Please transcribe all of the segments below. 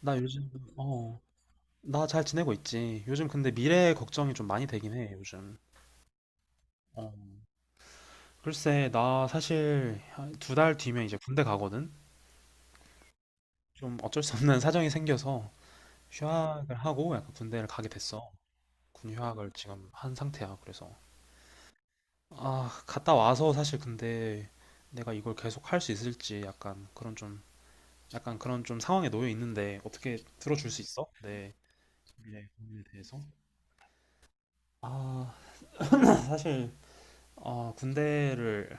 나 요즘, 어, 나 잘 지내고 있지. 요즘 근데 미래 걱정이 좀 많이 되긴 해, 요즘. 어, 글쎄, 나 사실 2달 뒤면 이제 군대 가거든? 좀 어쩔 수 없는 사정이 생겨서 휴학을 하고 약간 군대를 가게 됐어. 군 휴학을 지금 한 상태야, 그래서. 아, 갔다 와서 사실 근데 내가 이걸 계속 할 수 있을지 약간 그런 좀, 약간 그런 좀 상황에 놓여 있는데 어떻게 들어줄 수 있어? 내 미래 고민에 대해서? 아, 사실 어, 군대를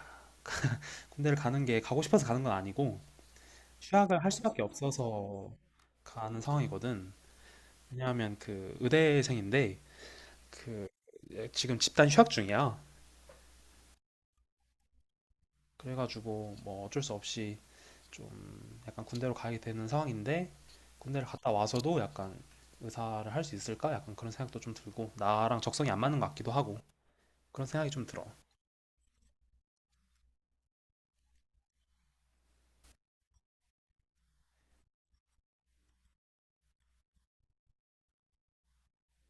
군대를 가는 게 가고 싶어서 가는 건 아니고 휴학을 할 수밖에 없어서 가는 상황이거든. 왜냐하면 그 의대생인데 그 지금 집단 휴학 중이야. 그래가지고 뭐 어쩔 수 없이 좀 약간 군대로 가게 되는 상황인데 군대를 갔다 와서도 약간 의사를 할 수 있을까? 약간 그런 생각도 좀 들고 나랑 적성이 안 맞는 것 같기도 하고 그런 생각이 좀 들어.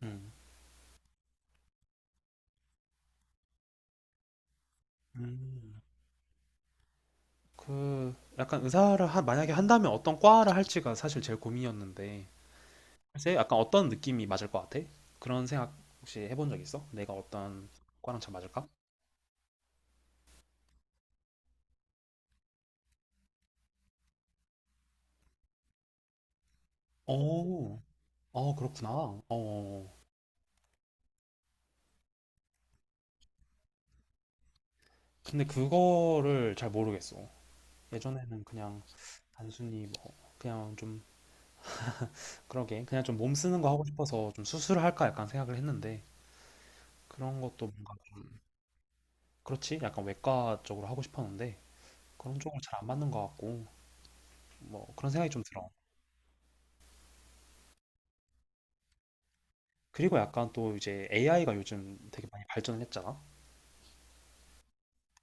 음. 음. 그 약간 의사를 한, 만약에 한다면 어떤 과를 할지가 사실 제일 고민이었는데 글쎄 약간 어떤 느낌이 맞을 것 같아? 그런 생각 혹시 해본 적 있어? 내가 어떤 과랑 잘 맞을까? 오, 어 그렇구나. 어 근데 그거를 잘 모르겠어. 예전에는 그냥 단순히 뭐 그냥 좀 그러게 그냥 좀 몸 쓰는 거 하고 싶어서 좀 수술을 할까 약간 생각을 했는데 그런 것도 뭔가 좀 그렇지? 약간 외과 쪽으로 하고 싶었는데 그런 쪽으로 잘 안 맞는 것 같고 뭐 그런 생각이 좀 들어. 그리고 약간 또 이제 AI가 요즘 되게 많이 발전을 했잖아.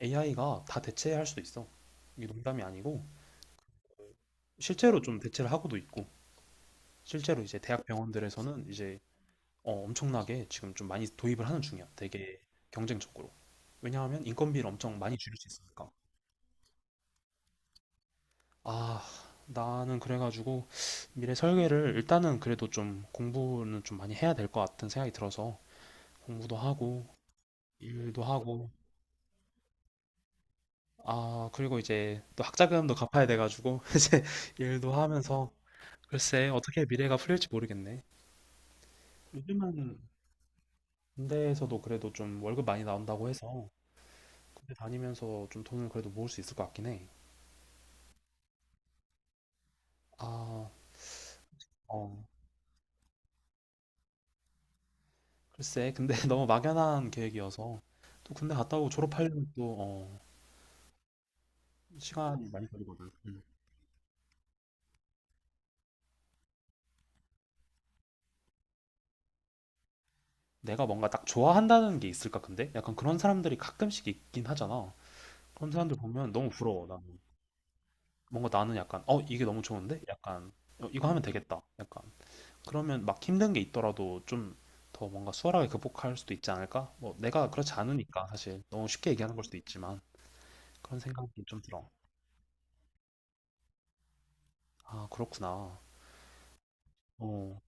AI가 다 대체할 수도 있어. 이게 농담이 아니고 실제로 좀 대체를 하고도 있고 실제로 이제 대학 병원들에서는 이제 엄청나게 지금 좀 많이 도입을 하는 중이야. 되게 경쟁적으로. 왜냐하면 인건비를 엄청 많이 줄일 수 있으니까. 아, 나는 그래가지고 미래 설계를 일단은 그래도 좀 공부는 좀 많이 해야 될 것 같은 생각이 들어서 공부도 하고 일도 하고 아, 그리고 이제 또 학자금도 갚아야 돼가지고, 이제 일도 하면서, 글쎄, 어떻게 미래가 풀릴지 모르겠네. 요즘은 군대에서도 그래도 좀 월급 많이 나온다고 해서, 군대 다니면서 좀 돈을 그래도 모을 수 있을 것 같긴 해. 아, 어, 글쎄, 근데 너무 막연한 계획이어서, 또 군대 갔다 오고 졸업하려면 또, 시간이 많이 걸리거든. 음. 내가 뭔가 딱 좋아한다는 게 있을까, 근데? 약간 그런 사람들이 가끔씩 있긴 하잖아. 그런 사람들 보면 너무 부러워, 나 뭔가 나는 약간 이게 너무 좋은데 약간 이거 하면 되겠다 약간 그러면 막 힘든 게 있더라도 좀 더 뭔가 수월하게 극복할 수도 있지 않을까? 뭐 내가 그렇지 않으니까 사실 너무 쉽게 얘기하는 걸 수도 있지만 그런 생각이 좀 들어. 아 그렇구나. 어, 어,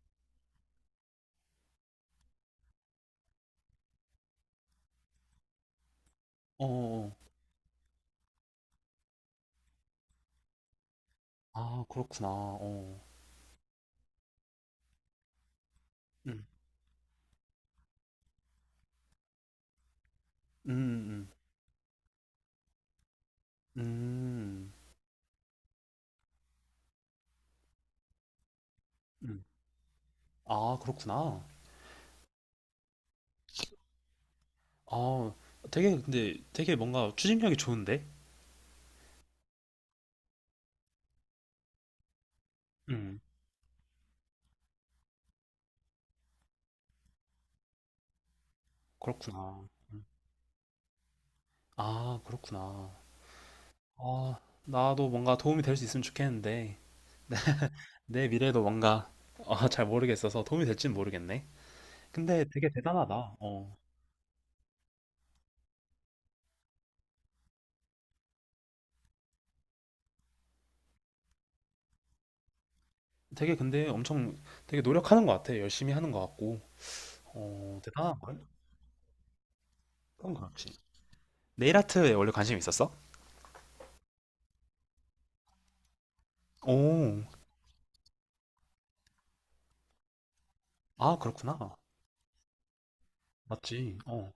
어, 어. 아 그렇구나. 어, 음, 음, 음, 음, 음. 아 그렇구나. 아 되게 근데 되게 뭔가 추진력이 좋은데? 음, 그렇구나. 음. 아 그렇구나. 어, 나도 뭔가 도움이 될 수 있으면 좋겠는데, 내 미래도 뭔가, 잘 모르겠어서 도움이 될지는 모르겠네. 근데 되게 대단하다. 어, 되게 근데 엄청 되게 노력하는 것 같아. 열심히 하는 것 같고. 어, 대단한걸? 그런 거 같지. 네일 아트에 원래 관심이 있었어? 오, 아, 그렇구나. 맞지. 어.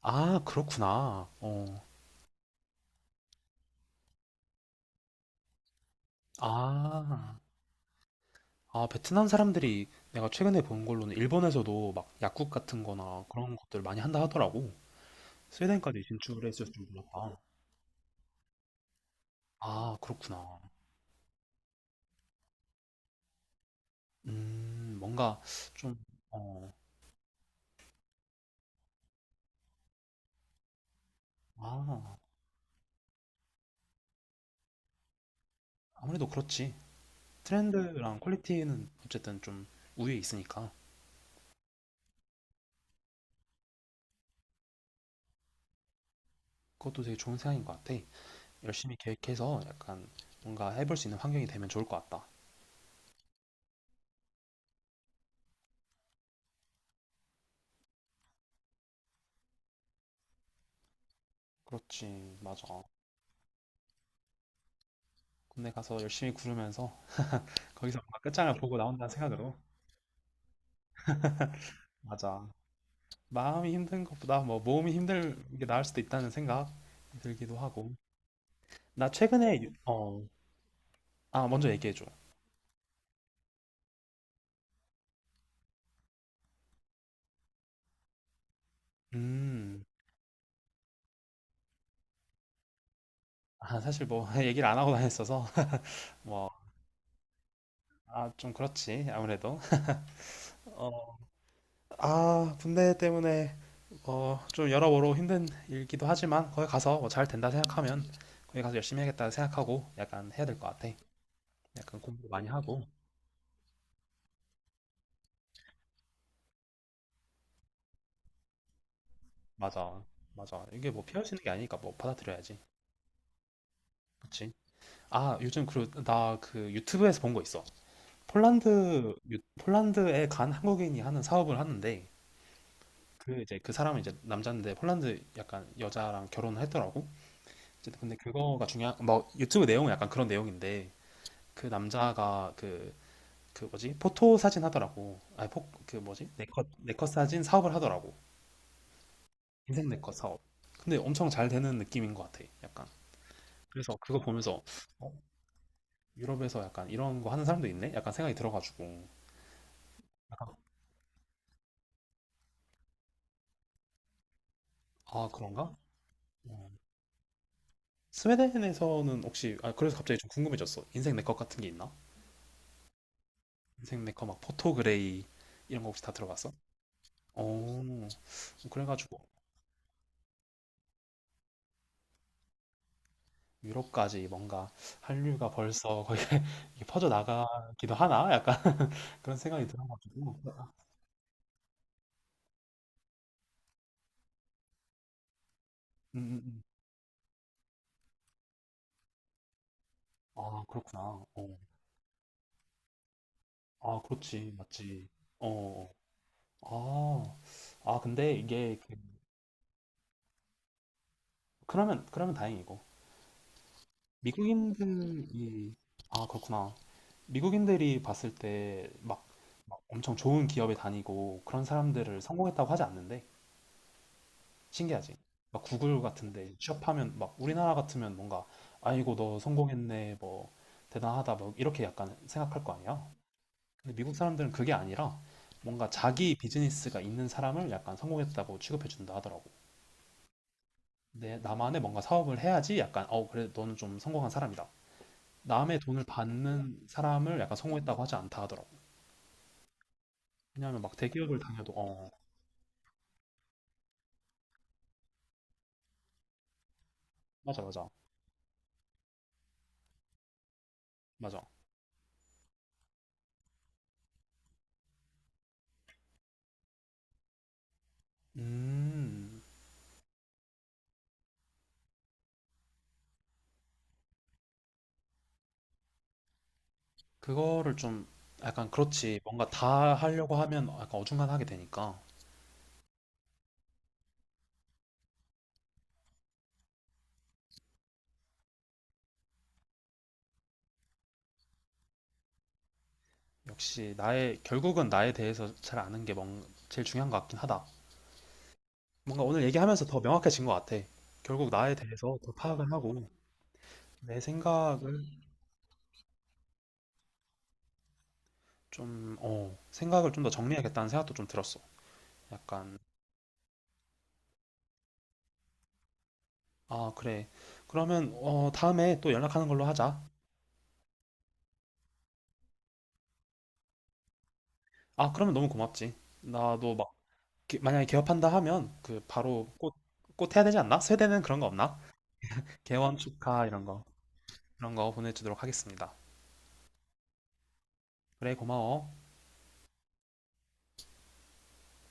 아, 그렇구나. 어. 아, 아, 베트남 사람들이 내가 최근에 본 걸로는 일본에서도 막 약국 같은 거나 그런 것들 많이 한다 하더라고. 스웨덴까지 진출을 했을 줄 몰랐다. 아, 그렇구나. 뭔가 좀, 어, 아, 아무래도 그렇지. 트렌드랑 퀄리티는 어쨌든 좀 우위에 있으니까 그것도 되게 좋은 생각인 것 같아. 열심히 계획해서 약간 뭔가 해볼 수 있는 환경이 되면 좋을 것 같다. 그렇지, 맞아. 군대 가서 열심히 구르면서 거기서 뭔가 끝장을 보고 나온다는 생각으로. 맞아. 마음이 힘든 것보다 뭐 몸이 힘들 게 나을 수도 있다는 생각 들기도 하고. 나 최근에 어, 아, 먼저 얘기해줘. 음, 아, 사실 뭐, 얘기를 안 하고 다녔어서, 뭐, 아, 좀 그렇지, 아무래도. 어, 아, 군대 때문에, 좀 여러모로 힘든 일기도 하지만, 거기 가서 뭐 잘 된다 생각하면, 거기 가서 열심히 해야겠다 생각하고, 약간 해야 될 것 같아. 약간 공부도 많이 하고. 맞아, 맞아. 이게 뭐 피할 수 있는 게 아니니까 뭐 받아들여야지. 그치? 아, 요즘 그, 나 그 유튜브에서 본 거 있어. 폴란드, 폴란드에 간 한국인이 하는 사업을 하는데, 그 이제 그 사람은 이제 남자인데 폴란드 약간 여자랑 결혼을 했더라고. 이제 근데 그거가 중요한 뭐 유튜브 내용은 약간 그런 내용인데 그 남자가 그 뭐지 포토 사진 하더라고. 아니 포그 뭐지 네컷 사진 사업을 하더라고. 인생 네컷 사업. 근데 엄청 잘 되는 느낌인 것 같아. 약간 그래서 그거 보면서 어, 유럽에서 약간 이런 거 하는 사람도 있네. 약간 생각이 들어가지고 약간 아 그런가? 어. 스웨덴에서는 혹시 아 그래서 갑자기 좀 궁금해졌어. 인생 네컷 같은 게 있나? 인생 네커 막 포토그레이 이런 거 혹시 다 들어봤어? 오, 그래가지고 유럽까지 뭔가 한류가 벌써 거의 이게 퍼져나가기도 하나? 약간 그런 생각이 들어가지고. 음, 음, 음. 아, 그렇구나. 어. 아, 그렇지. 맞지. 어. 어. 아, 아, 근데 이게, 그러면 다행이고. 미국인들이, 아, 그렇구나. 미국인들이 봤을 때 막 엄청 좋은 기업에 다니고 그런 사람들을 성공했다고 하지 않는데, 신기하지. 막 구글 같은데 취업하면 막 우리나라 같으면 뭔가 아이고 너 성공했네 뭐 대단하다 뭐 이렇게 약간 생각할 거 아니야. 근데 미국 사람들은 그게 아니라 뭔가 자기 비즈니스가 있는 사람을 약간 성공했다고 취급해 준다 하더라고. 내 나만의 뭔가 사업을 해야지 약간 어 그래 너는 좀 성공한 사람이다. 남의 돈을 받는 사람을 약간 성공했다고 하지 않다 하더라고. 왜냐하면 막 대기업을 다녀도 어 어, 맞아 맞아 맞아. 음 그거를 좀 약간 그렇지. 뭔가 다 하려고 하면 약간 어중간하게 되니까. 역시 나의, 결국은 나에 대해서 잘 아는 게 제일 중요한 것 같긴 하다. 뭔가 오늘 얘기하면서 더 명확해진 것 같아. 결국 나에 대해서 더 파악을 하고 내 생각을 좀, 생각을 좀 더 정리해야겠다는 생각도 좀 들었어. 약간, 아, 그래. 그러면, 다음에 또 연락하는 걸로 하자. 아, 그러면 너무 고맙지. 나도 막, 만약에 개업한다 하면 그 바로 꽃 해야 되지 않나? 세대는 그런 거 없나? 개원 축하 이런 거 그런 거 보내주도록 하겠습니다. 그래 고마워.